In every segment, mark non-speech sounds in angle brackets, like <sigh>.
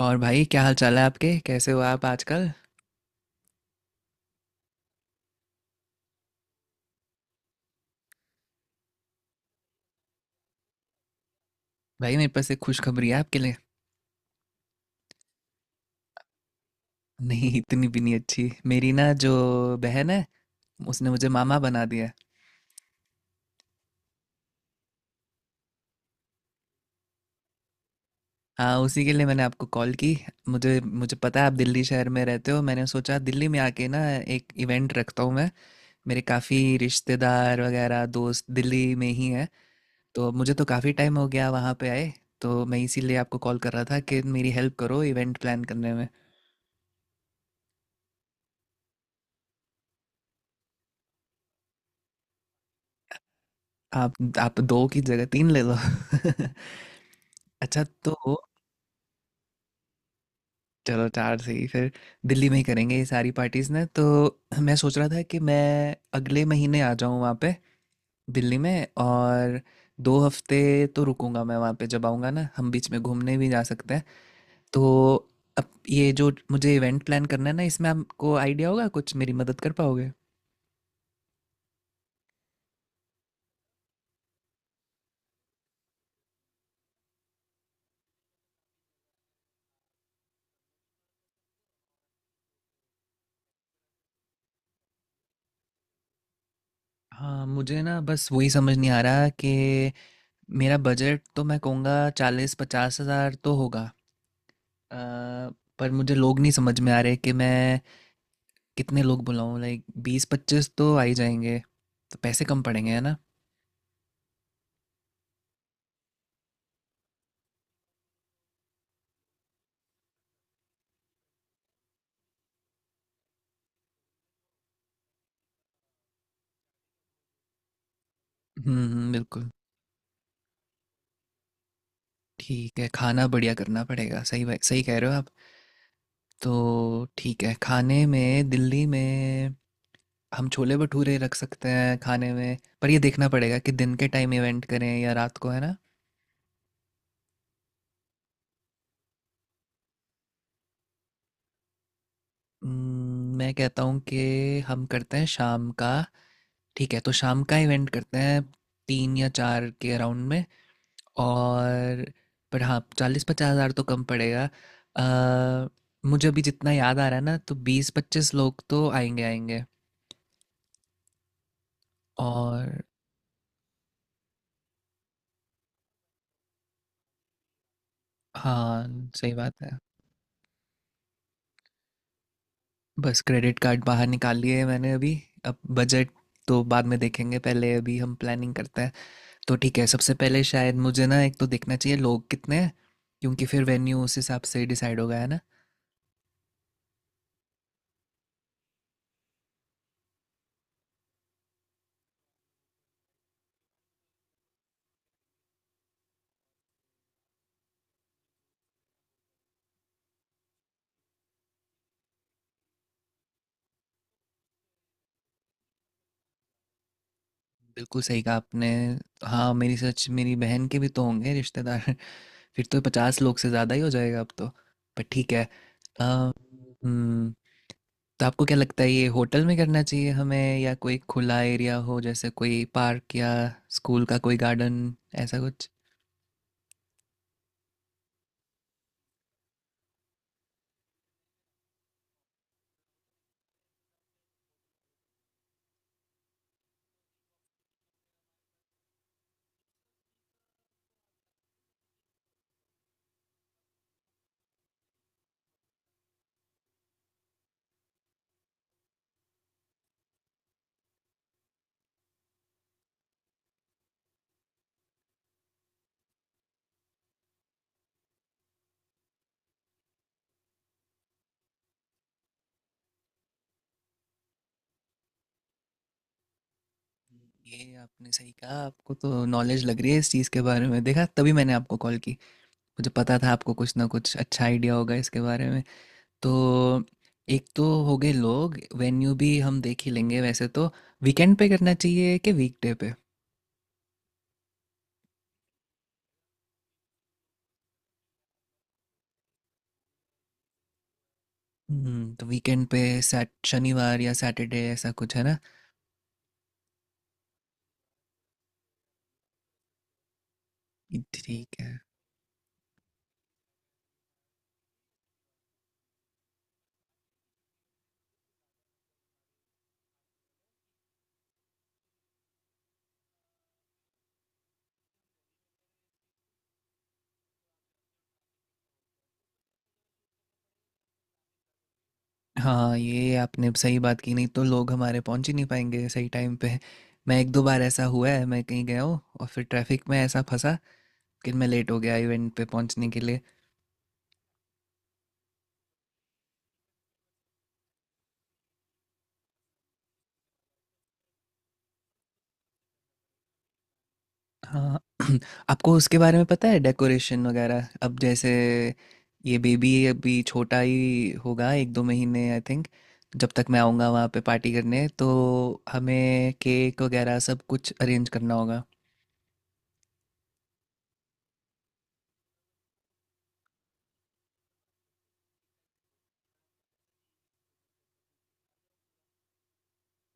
और भाई क्या हाल चाल है आपके कैसे हो आप आजकल। भाई मेरे पास एक खुशखबरी है आपके लिए। <laughs> नहीं इतनी भी नहीं अच्छी मेरी ना जो बहन है उसने मुझे मामा बना दिया है। हाँ उसी के लिए मैंने आपको कॉल की। मुझे मुझे पता है आप दिल्ली शहर में रहते हो मैंने सोचा दिल्ली में आके ना एक इवेंट रखता हूँ मैं। मेरे काफ़ी रिश्तेदार वगैरह दोस्त दिल्ली में ही हैं तो मुझे तो काफ़ी टाइम हो गया वहाँ पे आए। तो मैं इसीलिए आपको कॉल कर रहा था कि मेरी हेल्प करो इवेंट प्लान करने में। आप आप दो की जगह तीन ले लो। <laughs> अच्छा तो चलो चार से ही फिर दिल्ली में ही करेंगे ये सारी पार्टीज ना। तो मैं सोच रहा था कि मैं अगले महीने आ जाऊँ वहाँ पे दिल्ली में, और 2 हफ्ते तो रुकूंगा मैं वहाँ पे। जब आऊँगा ना हम बीच में घूमने भी जा सकते हैं। तो अब ये जो मुझे इवेंट प्लान करना है ना इसमें आपको आइडिया होगा कुछ, मेरी मदद कर पाओगे? हाँ मुझे ना बस वही समझ नहीं आ रहा कि मेरा बजट तो मैं कहूँगा 40-50 हज़ार तो होगा। अ, पर मुझे लोग नहीं समझ में आ रहे कि मैं कितने लोग बुलाऊँ। लाइक 20-25 तो आ ही जाएँगे। तो पैसे कम पड़ेंगे, है ना? हुँ, हुँ, बिल्कुल। ठीक है, खाना बढ़िया करना पड़ेगा। सही ब सही कह रहे हो आप। तो ठीक है, खाने में दिल्ली में हम छोले-भटूरे रख सकते हैं खाने में, पर ये देखना पड़ेगा कि दिन के टाइम इवेंट करें या रात को, है ना? मैं कहता हूँ कि हम करते हैं शाम का। ठीक है, तो शाम का इवेंट करते हैं 3 या 4 के अराउंड में। और पर हाँ 40-50 हज़ार तो कम पड़ेगा। अ, मुझे अभी जितना याद आ रहा है ना तो 20-25 लोग तो आएंगे आएंगे। और हाँ सही बात है। बस क्रेडिट कार्ड बाहर निकाल लिए है मैंने अभी। अब बजट तो बाद में देखेंगे, पहले अभी हम प्लानिंग करते हैं। तो ठीक है सबसे पहले शायद मुझे ना एक तो देखना चाहिए लोग कितने हैं, क्योंकि फिर वेन्यू उस हिसाब से डिसाइड होगा, है ना? बिल्कुल सही कहा आपने। हाँ मेरी सच मेरी बहन के भी तो होंगे रिश्तेदार। <laughs> फिर तो 50 लोग से ज़्यादा ही हो जाएगा अब तो। पर ठीक है। अ, हम्म, तो आपको क्या लगता है ये होटल में करना चाहिए हमें या कोई खुला एरिया हो, जैसे कोई पार्क या स्कूल का कोई गार्डन, ऐसा कुछ? ये आपने सही कहा, आपको तो नॉलेज लग रही है इस चीज़ के बारे में, देखा तभी मैंने आपको कॉल की। मुझे पता था आपको कुछ ना कुछ अच्छा आइडिया होगा इसके बारे में। तो एक तो हो गए लोग, वेन्यू भी हम देख ही लेंगे वैसे तो। वीकेंड पे करना चाहिए कि वीकडे पे? तो वीकेंड पे, सैट शनिवार या सैटरडे ऐसा कुछ, है ना? ये ठीक है। हाँ ये आपने सही बात की, नहीं तो लोग हमारे पहुंच ही नहीं पाएंगे सही टाइम पे। मैं एक दो बार ऐसा हुआ है मैं कहीं गया हूँ और फिर ट्रैफिक में ऐसा फंसा कि मैं लेट हो गया इवेंट पे पहुंचने के लिए। हाँ <clears throat> आपको उसके बारे में पता है डेकोरेशन वगैरह? अब जैसे ये बेबी अभी छोटा ही होगा, एक दो महीने आई थिंक, जब तक मैं आऊँगा वहाँ पे पार्टी करने। तो हमें केक वगैरह सब कुछ अरेंज करना होगा।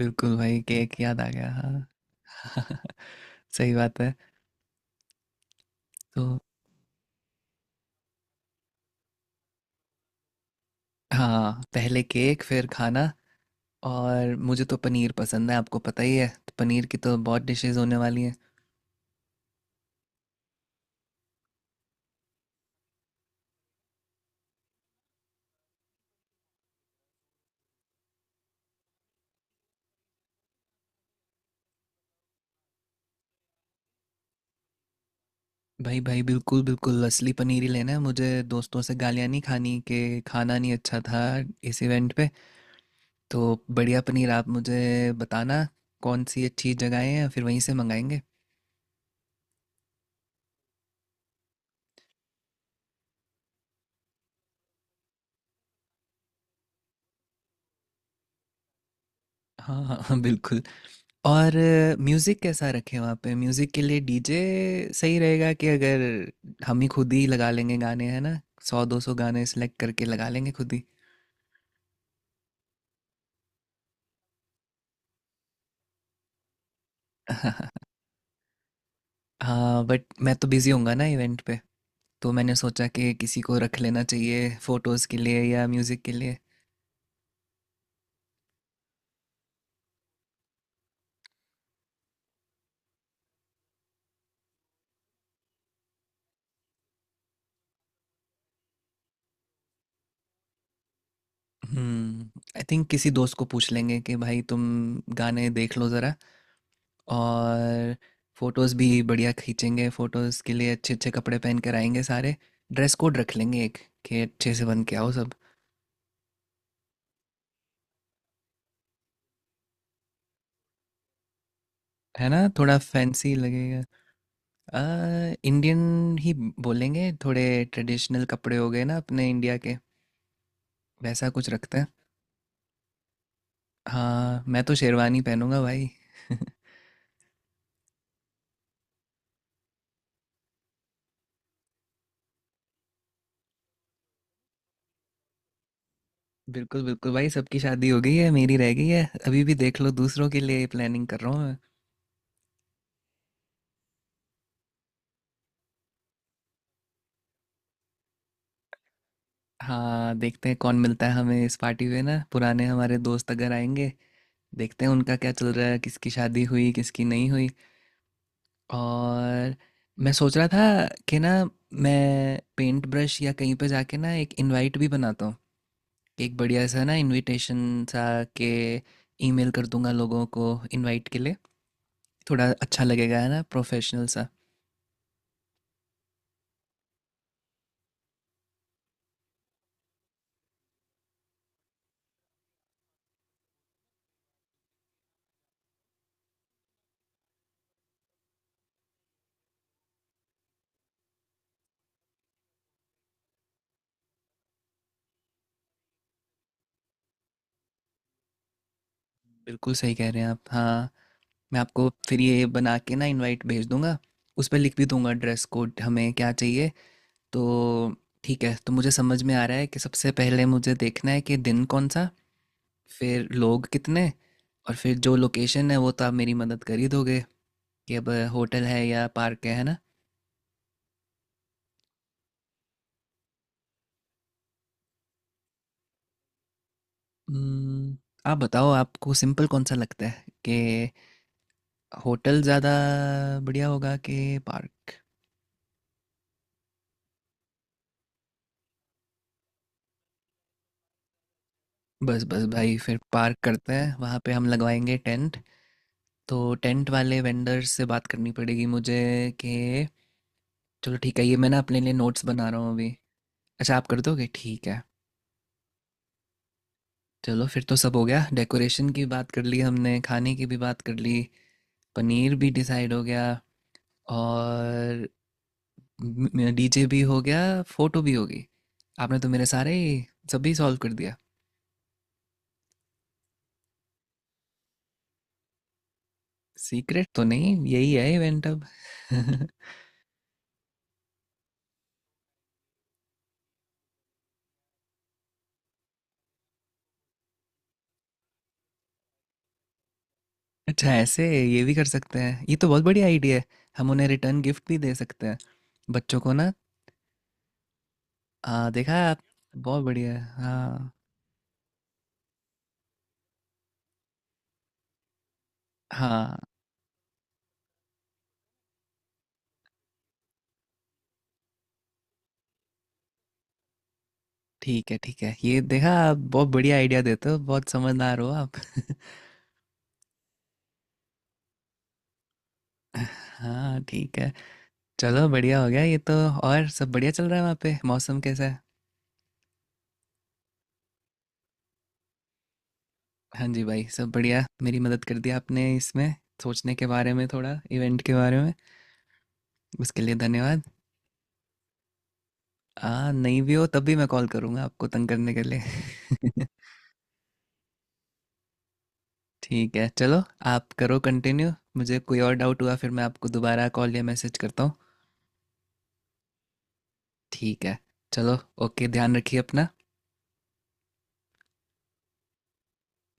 बिल्कुल भाई केक याद आ गया हाँ। <laughs> सही बात है। तो हाँ पहले केक फिर खाना। और मुझे तो पनीर पसंद है, आपको पता ही है, तो पनीर की तो बहुत डिशेस होने वाली हैं। भाई भाई बिल्कुल बिल्कुल असली पनीर ही लेना है मुझे। दोस्तों से गालियाँ नहीं खानी कि खाना नहीं अच्छा था इस इवेंट पे। तो बढ़िया पनीर आप मुझे बताना कौन सी अच्छी जगहें हैं, फिर वहीं से मंगाएंगे। हाँ हाँ हाँ बिल्कुल। और म्यूज़िक कैसा रखें वहाँ पे? म्यूज़िक के लिए डीजे सही रहेगा कि अगर हम ही खुद ही लगा लेंगे गाने, है ना? 100-200 गाने सेलेक्ट करके लगा लेंगे खुद ही। <laughs> हाँ बट मैं तो बिज़ी होऊंगा ना इवेंट पे, तो मैंने सोचा कि किसी को रख लेना चाहिए फोटोज़ के लिए या म्यूज़िक के लिए। हम्म आई थिंक किसी दोस्त को पूछ लेंगे कि भाई तुम गाने देख लो ज़रा। और फोटोज़ भी बढ़िया खींचेंगे, फोटोज़ के लिए अच्छे अच्छे कपड़े पहन कर आएंगे सारे। ड्रेस कोड रख लेंगे एक कि अच्छे से बन के आओ सब। है ना, थोड़ा फैंसी लगेगा। इंडियन ही बोलेंगे, थोड़े ट्रेडिशनल कपड़े हो गए ना अपने इंडिया के, वैसा कुछ रखते हैं। हाँ मैं तो शेरवानी पहनूंगा भाई। <laughs> बिल्कुल बिल्कुल भाई सबकी शादी हो गई है, मेरी रह गई है, अभी भी देख लो दूसरों के लिए प्लानिंग कर रहा हूँ मैं। हाँ देखते हैं कौन मिलता है हमें इस पार्टी में ना, पुराने हमारे दोस्त अगर आएंगे देखते हैं उनका क्या चल रहा है, किसकी शादी हुई किसकी नहीं हुई। और मैं सोच रहा था कि ना मैं पेंट ब्रश या कहीं पे जाके ना एक इनवाइट भी बनाता हूँ, एक बढ़िया सा ना इनविटेशन सा के ईमेल कर दूंगा लोगों को इनवाइट के लिए। थोड़ा अच्छा लगेगा है ना प्रोफेशनल सा। बिल्कुल सही कह रहे हैं आप हाँ। मैं आपको फिर ये बना के ना इनवाइट भेज दूंगा, उस पर लिख भी दूंगा ड्रेस कोड हमें क्या चाहिए। तो ठीक है, तो मुझे समझ में आ रहा है कि सबसे पहले मुझे देखना है कि दिन कौन सा, फिर लोग कितने, और फिर जो लोकेशन है वो तो आप मेरी मदद कर ही दोगे कि अब होटल है या पार्क है ना? हम्म, आप बताओ आपको सिंपल कौन सा लगता है कि होटल ज़्यादा बढ़िया होगा कि पार्क? बस बस भाई फिर पार्क करते हैं, वहाँ पे हम लगवाएंगे टेंट। तो टेंट वाले वेंडर से बात करनी पड़ेगी मुझे कि चलो ठीक है, ये मैं ना अपने लिए नोट्स बना रहा हूँ अभी। अच्छा आप कर दोगे, ठीक है। चलो फिर तो सब हो गया, डेकोरेशन की बात कर ली हमने, खाने की भी बात कर ली, पनीर भी डिसाइड हो गया, और डीजे भी हो गया, फोटो भी होगी। आपने तो मेरे सारे सभी सॉल्व कर दिया। सीक्रेट तो नहीं, यही है इवेंट अब। <laughs> अच्छा ऐसे ये भी कर सकते हैं, ये तो बहुत बढ़िया आइडिया है। हम उन्हें रिटर्न गिफ्ट भी दे सकते हैं बच्चों को ना। देखा आप? बहुत बढ़िया। हाँ, हाँ, ठीक है, ठीक है। ये देखा आप बहुत बढ़िया आइडिया देते हो, बहुत समझदार हो आप। <laughs> हाँ, ठीक है। चलो बढ़िया हो गया ये तो। और सब बढ़िया चल रहा है वहाँ पे? मौसम कैसा है? हाँ जी भाई, सब बढ़िया। मेरी मदद कर दी आपने इसमें सोचने के बारे में थोड़ा, इवेंट के बारे में। उसके लिए धन्यवाद। नहीं भी हो तब भी मैं कॉल करूँगा आपको तंग करने के लिए। <laughs> ठीक है, चलो आप करो कंटिन्यू। मुझे कोई और डाउट हुआ फिर मैं आपको दोबारा कॉल या मैसेज करता हूँ। ठीक है, चलो, ओके, ध्यान रखिए अपना।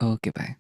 Okay bye.